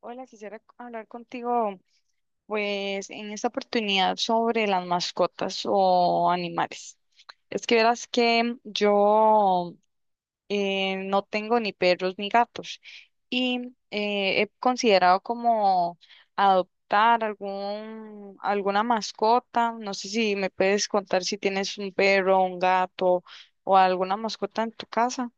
Hola, quisiera hablar contigo, pues, en esta oportunidad sobre las mascotas o animales. Es que verás que yo no tengo ni perros ni gatos y he considerado como adoptar alguna mascota. No sé si me puedes contar si tienes un perro, un gato o alguna mascota en tu casa.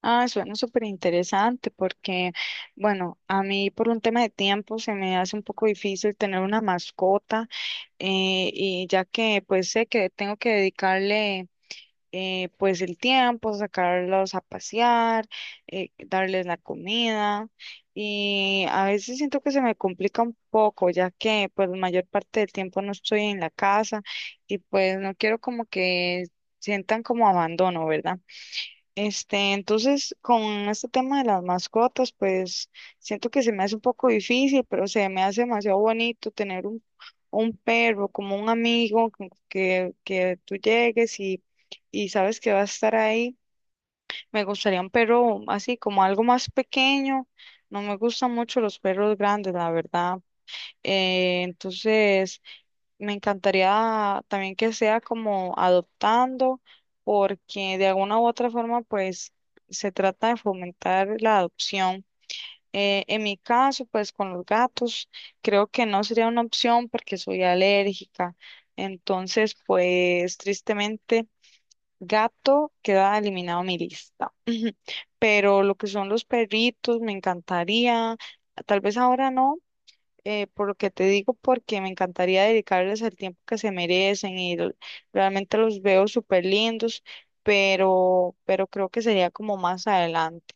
Ah, suena súper interesante porque, bueno, a mí por un tema de tiempo se me hace un poco difícil tener una mascota y ya que pues sé que tengo que dedicarle pues el tiempo, sacarlos a pasear, darles la comida, y a veces siento que se me complica un poco ya que pues la mayor parte del tiempo no estoy en la casa y pues no quiero como que sientan como abandono, ¿verdad? Este, entonces, con este tema de las mascotas, pues siento que se me hace un poco difícil, pero se me hace demasiado bonito tener un perro como un amigo que tú llegues y sabes que va a estar ahí. Me gustaría un perro así como algo más pequeño. No me gustan mucho los perros grandes, la verdad. Entonces, me encantaría también que sea como adoptando, porque de alguna u otra forma, pues se trata de fomentar la adopción. En mi caso, pues con los gatos, creo que no sería una opción porque soy alérgica. Entonces, pues tristemente, gato queda eliminado de mi lista. Pero lo que son los perritos, me encantaría. Tal vez ahora no, por lo que te digo, porque me encantaría dedicarles el tiempo que se merecen, realmente los veo súper lindos, pero creo que sería como más adelante.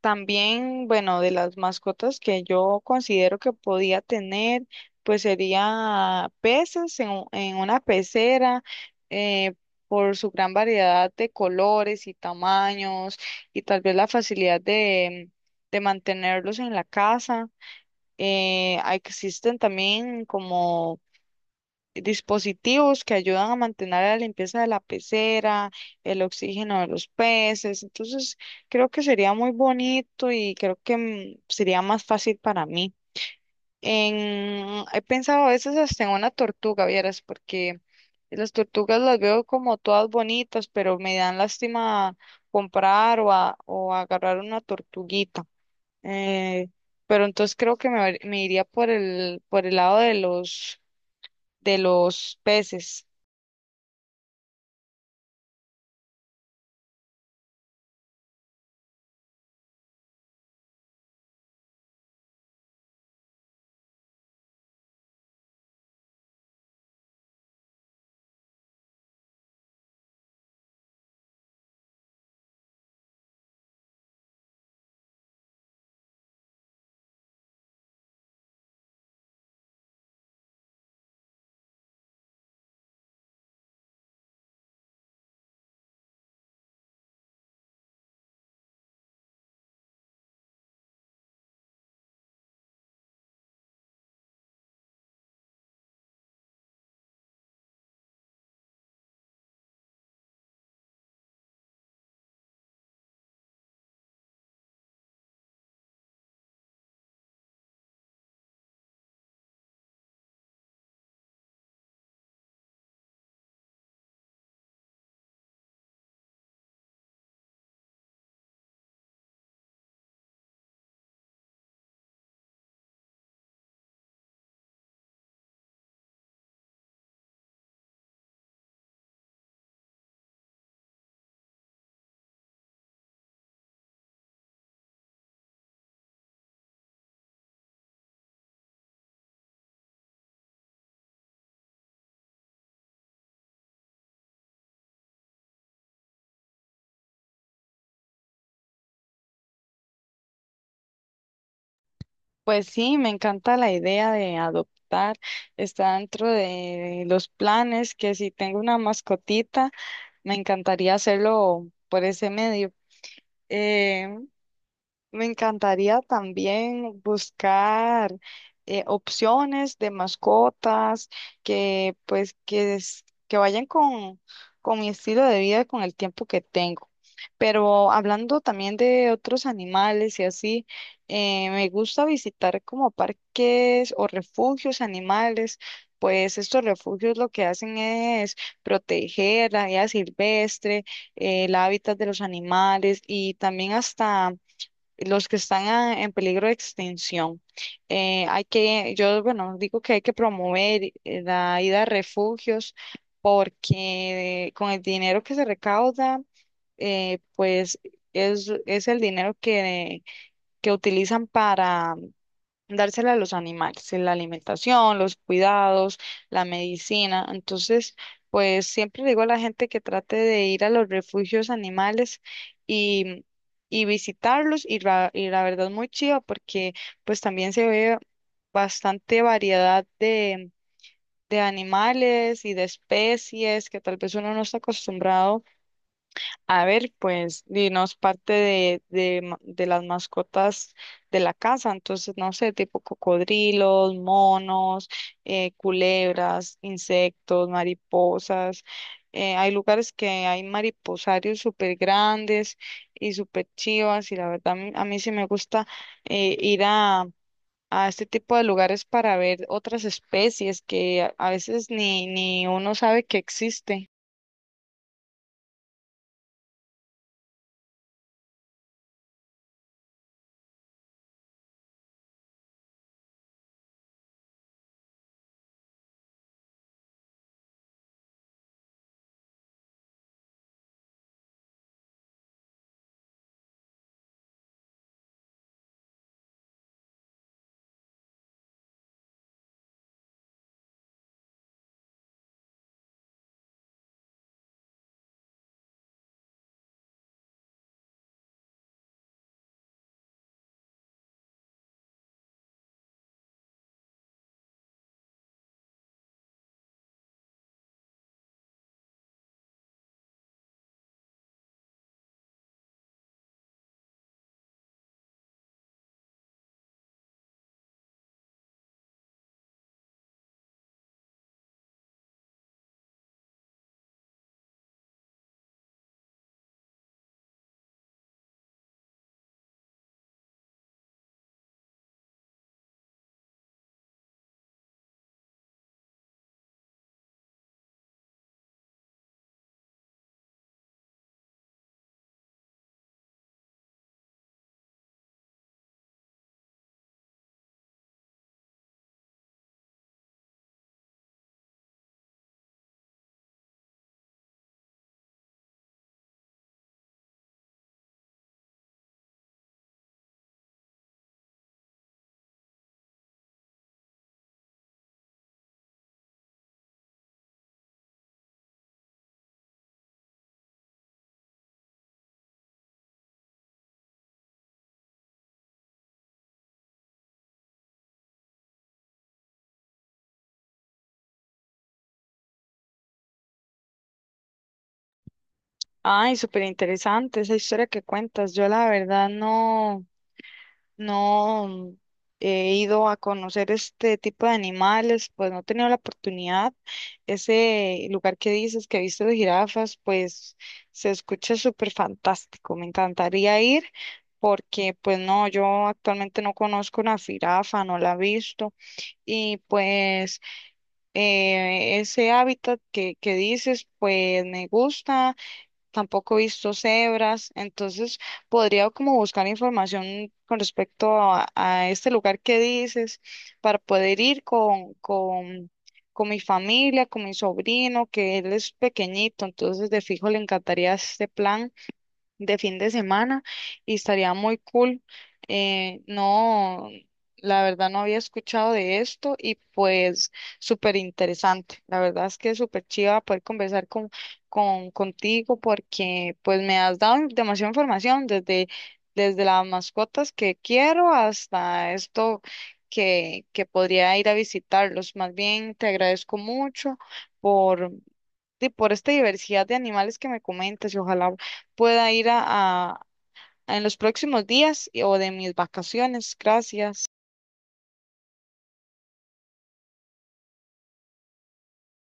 También, bueno, de las mascotas que yo considero que podía tener, pues sería peces en una pecera, eh, por su gran variedad de colores y tamaños, y tal vez la facilidad de mantenerlos en la casa. Existen también como dispositivos que ayudan a mantener la limpieza de la pecera, el oxígeno de los peces. Entonces, creo que sería muy bonito y creo que sería más fácil para mí. En, he pensado a veces hasta en una tortuga, vieras, porque las tortugas las veo como todas bonitas, pero me dan lástima comprar o agarrar una tortuguita. Eh, pero entonces creo que me iría por por el lado de de los peces. Pues sí, me encanta la idea de adoptar. Está dentro de los planes que si tengo una mascotita, me encantaría hacerlo por ese medio. Eh, Me encantaría también buscar opciones de mascotas que pues que, es- que vayan con mi estilo de vida y con el tiempo que tengo. Pero hablando también de otros animales y así, me gusta visitar como parques o refugios animales. Pues estos refugios lo que hacen es proteger la vida silvestre, el hábitat de los animales, y también hasta los que están en peligro de extinción. Bueno, digo que hay que promover la ida a refugios porque con el dinero que se recauda, pues es el dinero que utilizan para dársela a los animales, la alimentación, los cuidados, la medicina. Entonces, pues siempre digo a la gente que trate de ir a los refugios animales y, y visitarlos, y la verdad muy chiva, porque pues también se ve bastante variedad de animales y de especies que tal vez uno no está acostumbrado a ver, pues, dinos parte de las mascotas de la casa. Entonces, no sé, tipo cocodrilos, monos, culebras, insectos, mariposas. Hay lugares que hay mariposarios súper grandes y súper chivas, y la verdad, a mí sí me gusta eh, ir a, a este tipo de lugares para ver otras especies que a veces ni uno sabe que existen. Ay, súper interesante esa historia que cuentas. Yo la verdad no, no he ido a conocer este tipo de animales, pues no he tenido la oportunidad. Ese lugar que dices que viste de jirafas, pues se escucha súper fantástico. Me encantaría ir porque pues no, yo actualmente no conozco una jirafa, no la he visto. Y pues ese hábitat que dices, pues me gusta, tampoco he visto cebras. Entonces podría como buscar información con respecto a este lugar que dices para poder ir con mi familia, con mi sobrino, que él es pequeñito, entonces de fijo le encantaría este plan de fin de semana y estaría muy cool. No, la verdad no había escuchado de esto y pues súper interesante. La verdad es que es súper chiva poder conversar contigo porque pues me has dado demasiada información desde, desde las mascotas que quiero hasta esto. Que podría ir a visitarlos. Más bien, te agradezco mucho por, por esta diversidad de animales que me comentas, y ojalá pueda ir en los próximos días o de mis vacaciones. Gracias.